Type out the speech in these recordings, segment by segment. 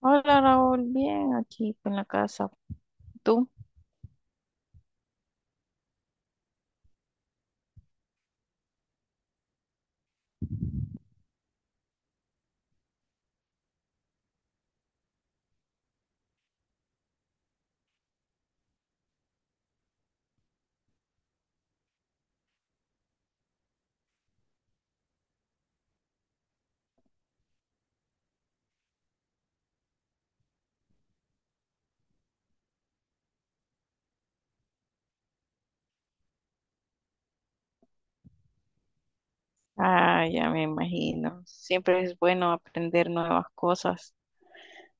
Hola Raúl, bien aquí en la casa. ¿Tú? Ah, ya me imagino. Siempre es bueno aprender nuevas cosas.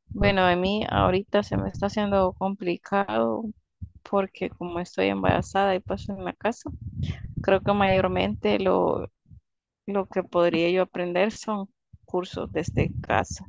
Bueno, a mí ahorita se me está haciendo complicado porque como estoy embarazada y paso en la casa, creo que mayormente lo que podría yo aprender son cursos desde casa.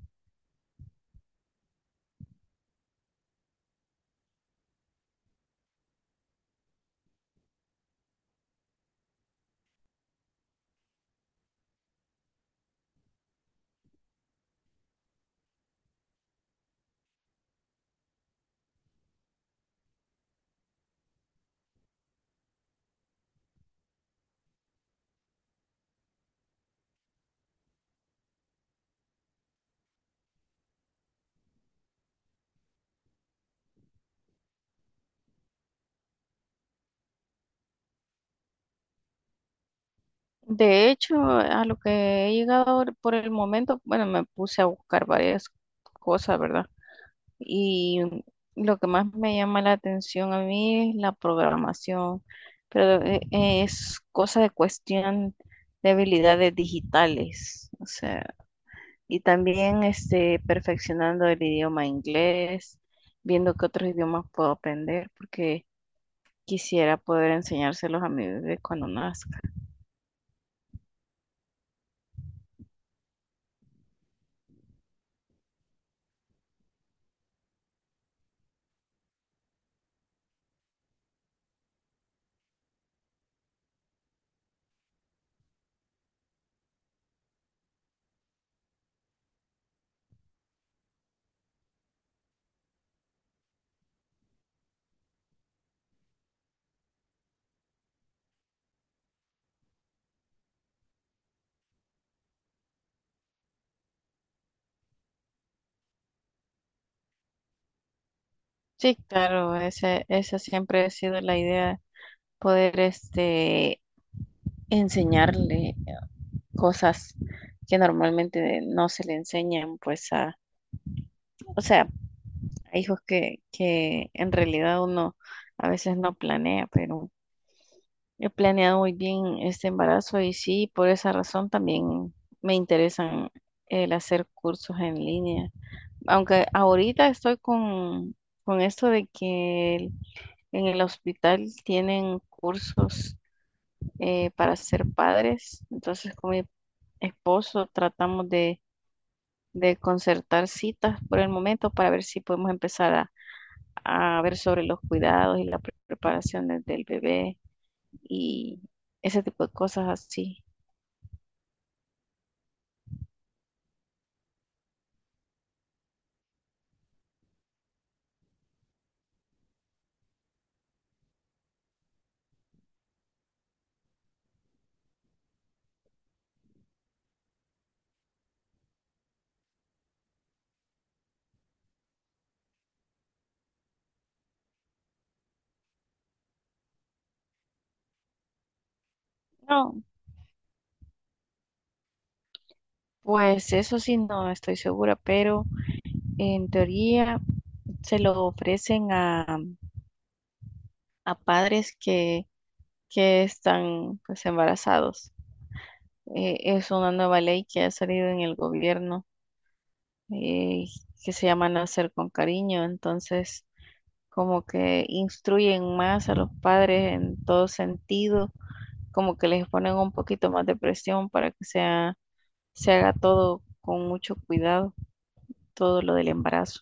De hecho, a lo que he llegado por el momento, bueno, me puse a buscar varias cosas, ¿verdad? Y lo que más me llama la atención a mí es la programación, pero es cosa de cuestión de habilidades digitales, o sea, y también este, perfeccionando el idioma inglés, viendo qué otros idiomas puedo aprender, porque quisiera poder enseñárselos a mi bebé cuando nazca. Sí, claro, esa siempre ha sido la idea, poder este, enseñarle cosas que normalmente no se le enseñan, pues a, o sea, a hijos que en realidad uno a veces no planea, pero he planeado muy bien este embarazo y sí, por esa razón también me interesan el hacer cursos en línea. Aunque ahorita estoy con esto de que en el hospital tienen cursos para ser padres, entonces con mi esposo tratamos de concertar citas por el momento para ver si podemos empezar a ver sobre los cuidados y las preparaciones del bebé y ese tipo de cosas así. No, pues eso sí, no estoy segura, pero en teoría se lo ofrecen a padres que están pues embarazados. Es una nueva ley que ha salido en el gobierno, eh, que se llama Nacer con Cariño, entonces como que instruyen más a los padres en todo sentido, como que les ponen un poquito más de presión para que sea, se haga todo con mucho cuidado, todo lo del embarazo.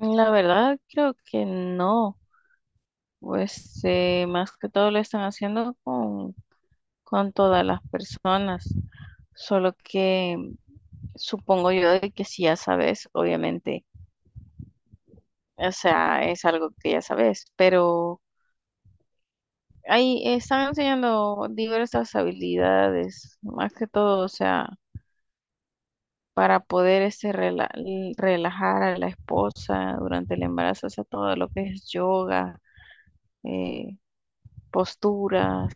La verdad, creo que no, pues más que todo lo están haciendo con todas las personas, solo que supongo yo de que si ya sabes, obviamente, o sea, es algo que ya sabes, pero... Ahí están enseñando diversas habilidades, más que todo, o sea, para poder este, relajar a la esposa durante el embarazo, o sea, todo lo que es yoga, eh, posturas,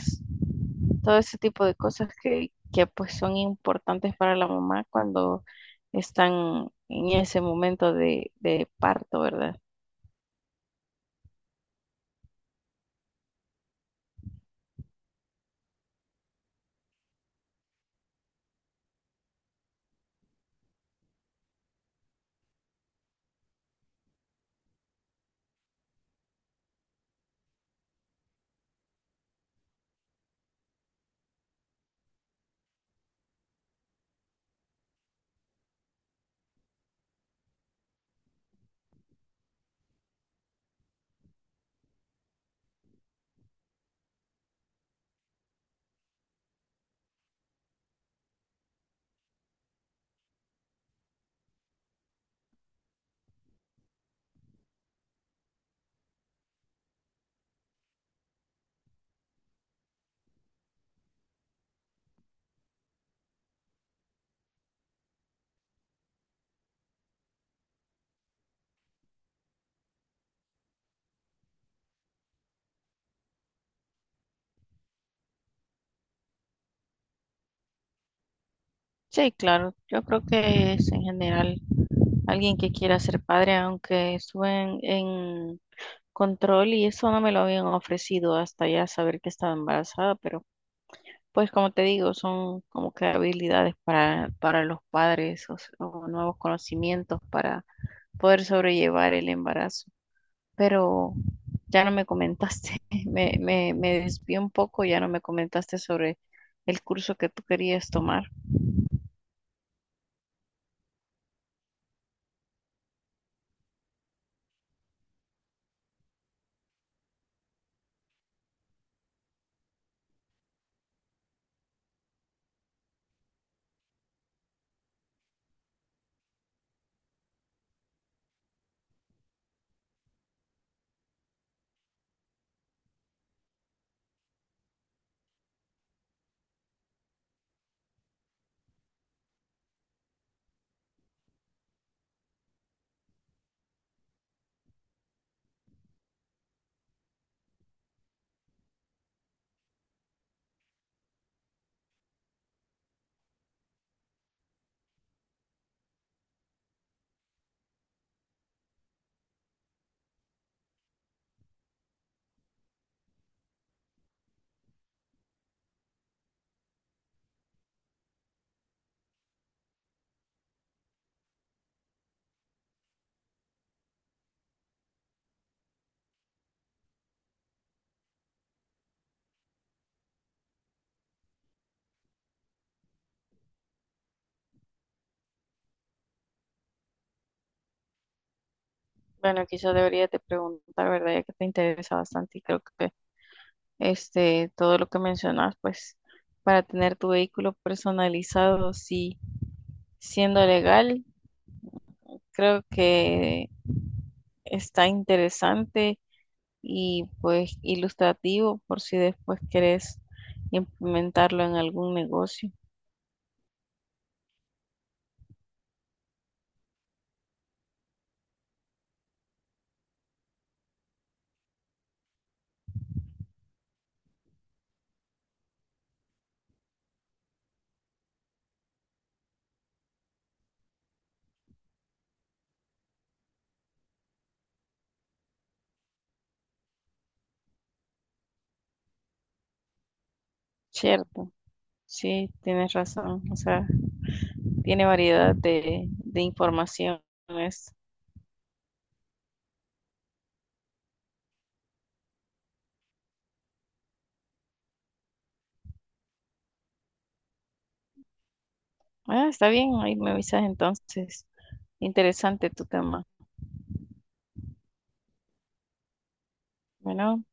todo ese tipo de cosas que pues son importantes para la mamá cuando están en ese momento de parto, ¿verdad? Sí, claro, yo creo que es en general alguien que quiera ser padre, aunque suben en control y eso no me lo habían ofrecido hasta ya saber que estaba embarazada, pero pues como te digo, son como que habilidades para los padres o, o nuevos conocimientos para poder sobrellevar el embarazo. Pero ya no me comentaste, me desvié un poco, ya no me comentaste sobre el curso que tú querías tomar. Bueno, quizás deberías de preguntar, ¿verdad? Ya que te interesa bastante y creo que este, todo lo que mencionas, pues para tener tu vehículo personalizado, sí, siendo legal, creo que está interesante y pues ilustrativo por si después querés implementarlo en algún negocio. Cierto, sí, tienes razón. O sea, tiene variedad de informaciones. Ah, está bien, ahí me avisas entonces. Interesante tu tema. Bueno.